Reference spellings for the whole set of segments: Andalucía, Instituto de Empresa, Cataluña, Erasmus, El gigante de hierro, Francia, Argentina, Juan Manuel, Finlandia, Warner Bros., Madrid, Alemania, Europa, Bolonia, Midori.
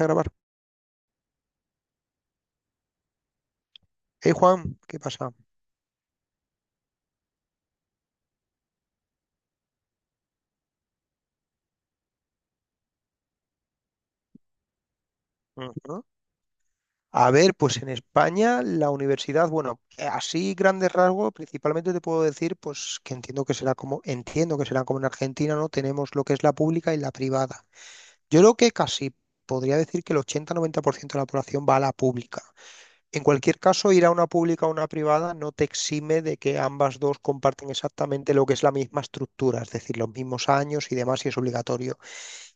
A grabar. Hey Juan, ¿qué pasa? Ujú. A ver, pues en España la universidad, bueno, así grandes rasgos, principalmente te puedo decir, pues que entiendo que será como, entiendo que será como en Argentina, ¿no? Tenemos lo que es la pública y la privada. Yo creo que casi podría decir que el 80 90% de la población va a la pública. En cualquier caso, ir a una pública o una privada no te exime de que ambas dos comparten exactamente lo que es la misma estructura, es decir, los mismos años y demás, y es obligatorio.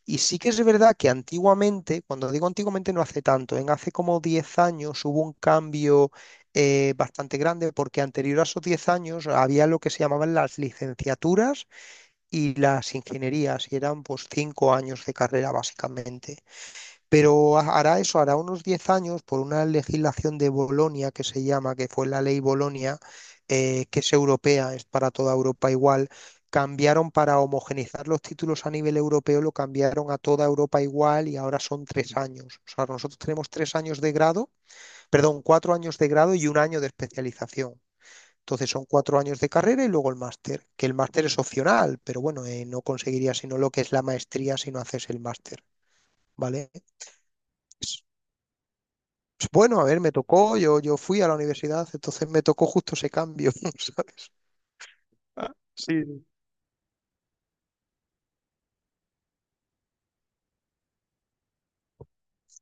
Y sí que es verdad que antiguamente, cuando digo antiguamente no hace tanto, en hace como 10 años hubo un cambio bastante grande porque anterior a esos 10 años había lo que se llamaban las licenciaturas y las ingenierías y eran pues 5 años de carrera básicamente. Pero hará eso, hará unos 10 años, por una legislación de Bolonia que se llama, que fue la ley Bolonia, que es europea, es para toda Europa igual, cambiaron para homogeneizar los títulos a nivel europeo, lo cambiaron a toda Europa igual y ahora son 3 años. O sea, nosotros tenemos 3 años de grado, perdón, 4 años de grado y 1 año de especialización. Entonces son 4 años de carrera y luego el máster, que el máster es opcional, pero bueno, no conseguirías sino lo que es la maestría si no haces el máster, ¿vale? Pues bueno, a ver, me tocó, yo fui a la universidad, entonces me tocó justo ese cambio, ¿sabes? Ah, sí. Sí.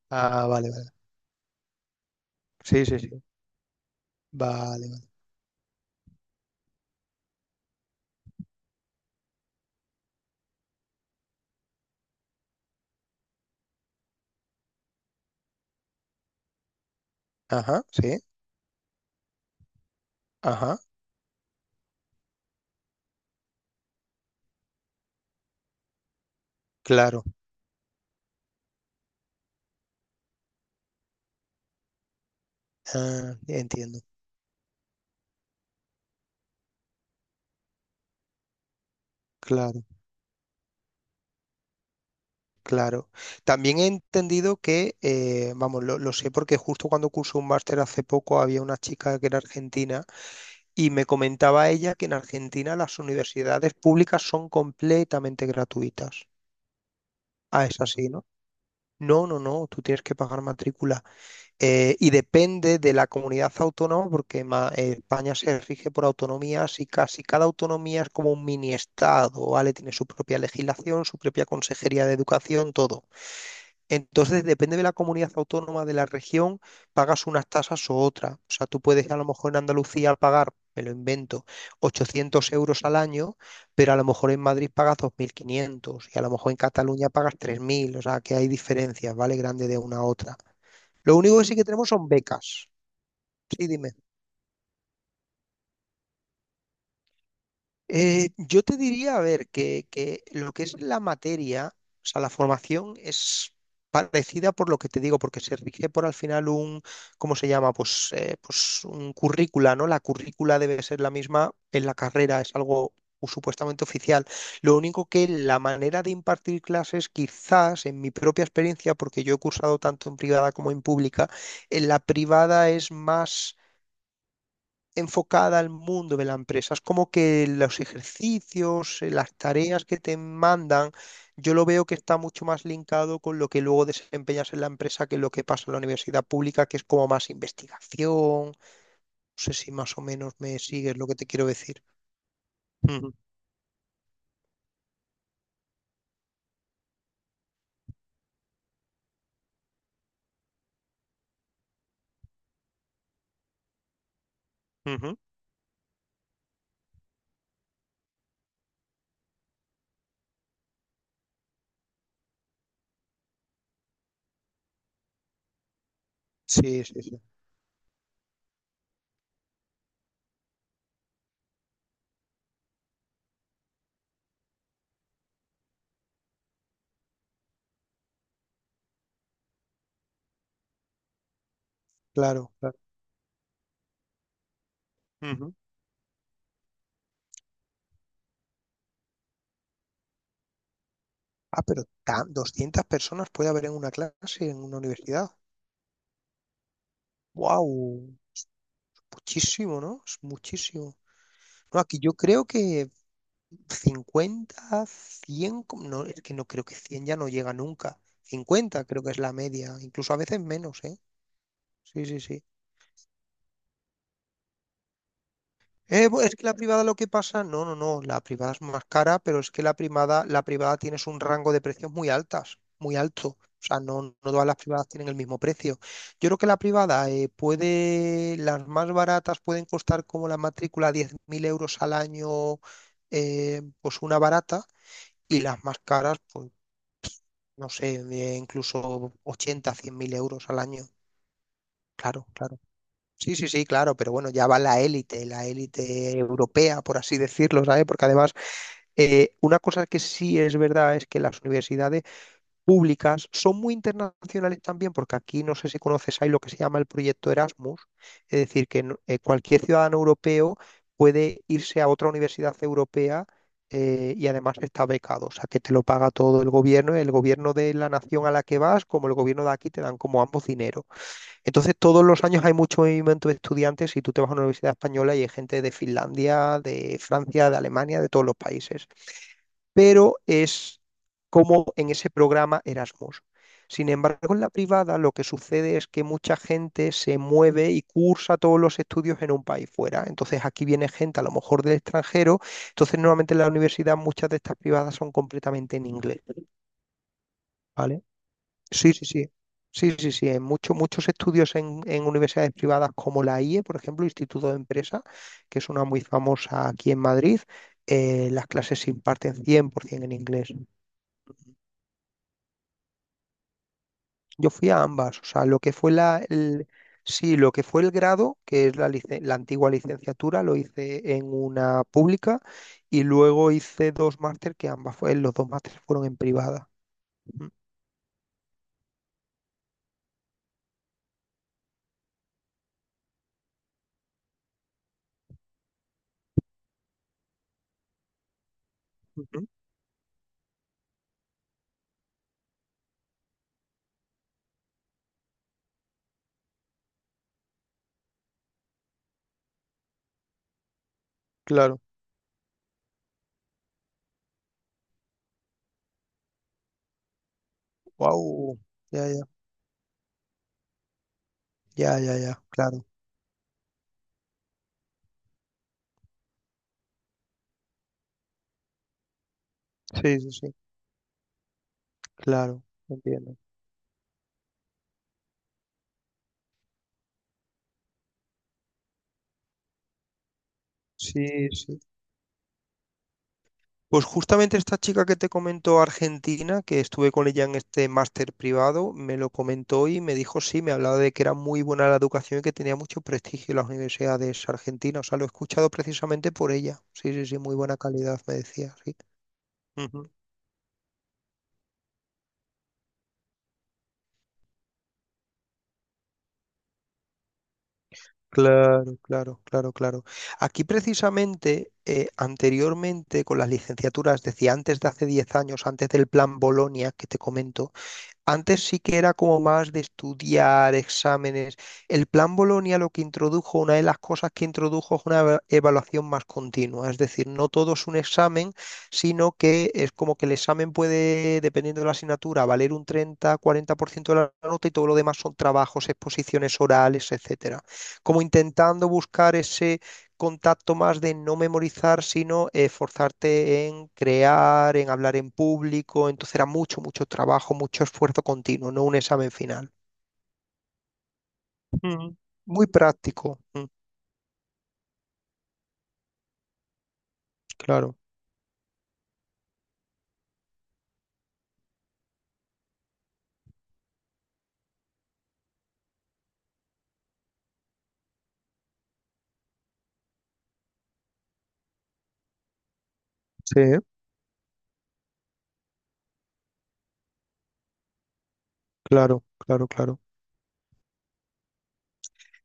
Ah, vale, vale. Sí, sí, sí. Vale, vale. Ajá, sí. Ajá, claro. Ah, entiendo. Claro, claro. También he entendido que, vamos, lo sé porque justo cuando cursé un máster hace poco había una chica que era argentina y me comentaba ella que en Argentina las universidades públicas son completamente gratuitas. Ah, es así, ¿no? No, no, no, tú tienes que pagar matrícula. Y depende de la comunidad autónoma, porque España se rige por autonomías y casi cada autonomía es como un mini estado, ¿vale? Tiene su propia legislación, su propia consejería de educación, todo. Entonces, depende de la comunidad autónoma de la región, pagas unas tasas o otras. O sea, tú puedes a lo mejor en Andalucía pagar, me lo invento, 800 euros al año, pero a lo mejor en Madrid pagas 2500 y a lo mejor en Cataluña pagas 3000. O sea, que hay diferencias, ¿vale? Grande de una a otra. Lo único que sí que tenemos son becas. Sí, dime. Yo te diría, a ver, que lo que es la materia, o sea, la formación es parecida por lo que te digo, porque se rige por al final un, ¿cómo se llama? Pues, pues un currícula, ¿no? La currícula debe ser la misma en la carrera, es algo supuestamente oficial. Lo único que la manera de impartir clases, quizás en mi propia experiencia, porque yo he cursado tanto en privada como en pública, en la privada es más enfocada al mundo de la empresa. Es como que los ejercicios, las tareas que te mandan, yo lo veo que está mucho más linkado con lo que luego desempeñas en la empresa que lo que pasa en la universidad pública, que es como más investigación. No sé si más o menos me sigues lo que te quiero decir. Ujú, ujú. Sí, sí, sí. Claro, claro. Ujú. Ah, pero 200 personas puede haber en una clase, en una universidad. ¡Wow! Muchísimo, ¿no? Es muchísimo. No, aquí yo creo que 50 100 no, es que no creo que 100 ya no llega nunca. 50 creo que es la media, incluso a veces menos, ¿eh? Sí, sí, sí. Es que la privada lo que pasa, no, no, no, la privada es más cara, pero es que la privada tienes un rango de precios muy altas, muy alto. O sea, no, no todas las privadas tienen el mismo precio. Yo creo que la privada puede, las más baratas pueden costar como la matrícula 10.000 euros al año, pues una barata, y las más caras, pues no sé, incluso 80 100.000 euros al año. Claro, claro. Sí, sí, sí, claro, pero bueno, ya va la élite europea, por así decirlo, ¿sabes? Porque además, una cosa que sí es verdad es que las universidades públicas, son muy internacionales también, porque aquí no sé si conoces, hay lo que se llama el proyecto Erasmus, es decir, que no- cualquier ciudadano europeo puede irse a otra universidad europea y además está becado, o sea, que te lo paga todo el gobierno de la nación a la que vas, como el gobierno de aquí, te dan como ambos dinero. Entonces, todos los años hay mucho movimiento de estudiantes y tú te vas a una universidad española y hay gente de Finlandia, de Francia, de Alemania, de todos los países, pero es como en ese programa Erasmus. Sin embargo, en la privada lo que sucede es que mucha gente se mueve y cursa todos los estudios en un país fuera. Entonces aquí viene gente a lo mejor del extranjero. Entonces normalmente en la universidad muchas de estas privadas son completamente en inglés, ¿vale? Sí, sí, sí. Sí, sí, sí. En muchos, muchos estudios en universidades privadas como la IE, por ejemplo, Instituto de Empresa, que es una muy famosa aquí en Madrid, las clases se imparten 100% en inglés. Yo fui a ambas, o sea, lo que fue sí, lo que fue el grado, que es la antigua licenciatura, lo hice en una pública y luego hice 2 máster que ambas fue, los 2 másteres fueron en privada. Ujú, ujú, claro, wow, ya, ya, ya, ya, ya, claro, sí, sí, sí, claro, entiendo. Sí, sí. Pues justamente esta chica que te comentó Argentina, que estuve con ella en este máster privado, me lo comentó y me dijo, sí, me hablaba de que era muy buena la educación y que tenía mucho prestigio en las universidades argentinas. O sea, lo he escuchado precisamente por ella. Sí, sí, sí, muy buena calidad, me decía, sí. Ujú. Claro, claro, claro, claro. Aquí precisamente, anteriormente con las licenciaturas, decía antes de hace 10 años, antes del plan Bolonia que te comento, antes sí que era como más de estudiar exámenes. El plan Bolonia lo que introdujo, una de las cosas que introdujo es una evaluación más continua. Es decir, no todo es un examen, sino que es como que el examen puede, dependiendo de la asignatura, valer un 30, 40% de la nota y todo lo demás son trabajos, exposiciones orales, etcétera. Como intentando buscar ese contacto más de no memorizar, sino esforzarte en crear, en hablar en público. Entonces era mucho, mucho trabajo, mucho esfuerzo continuo, no un examen final. Mm. Muy práctico. Mm. Claro, sí, claro, claro, claro.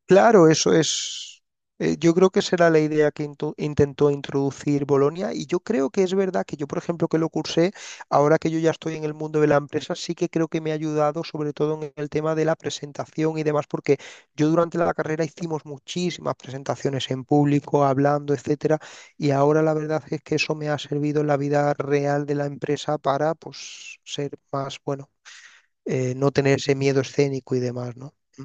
Claro, eso es, yo creo que será la idea que intentó introducir Bolonia y yo creo que es verdad que yo, por ejemplo, que lo cursé, ahora que yo ya estoy en el mundo de la empresa, sí que creo que me ha ayudado sobre todo en el tema de la presentación y demás, porque yo durante la carrera hicimos muchísimas presentaciones en público, hablando, etcétera, y ahora la verdad es que eso me ha servido en la vida real de la empresa para, pues, ser más, bueno, no tener ese miedo escénico y demás, ¿no? Mm.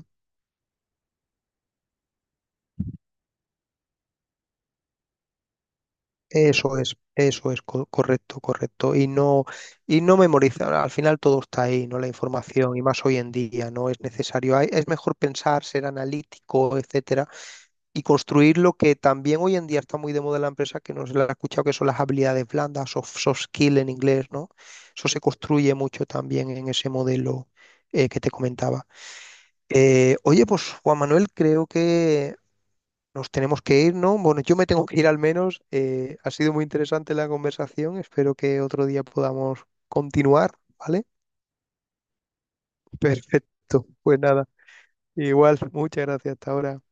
Eso es correcto, correcto. Y no memorizar, al final todo está ahí, ¿no? La información, y más hoy en día, no es necesario. Es mejor pensar, ser analítico, etcétera, y construir lo que también hoy en día está muy de moda en la empresa, que no se la ha escuchado, que son las habilidades blandas, soft, soft skill en inglés, ¿no? Eso se construye mucho también en ese modelo que te comentaba. Oye, pues Juan Manuel, creo que nos tenemos que ir, ¿no? Bueno, yo me tengo que ir al menos. Ha sido muy interesante la conversación. Espero que otro día podamos continuar, ¿vale? Perfecto. Pues nada, igual, muchas gracias. Hasta ahora.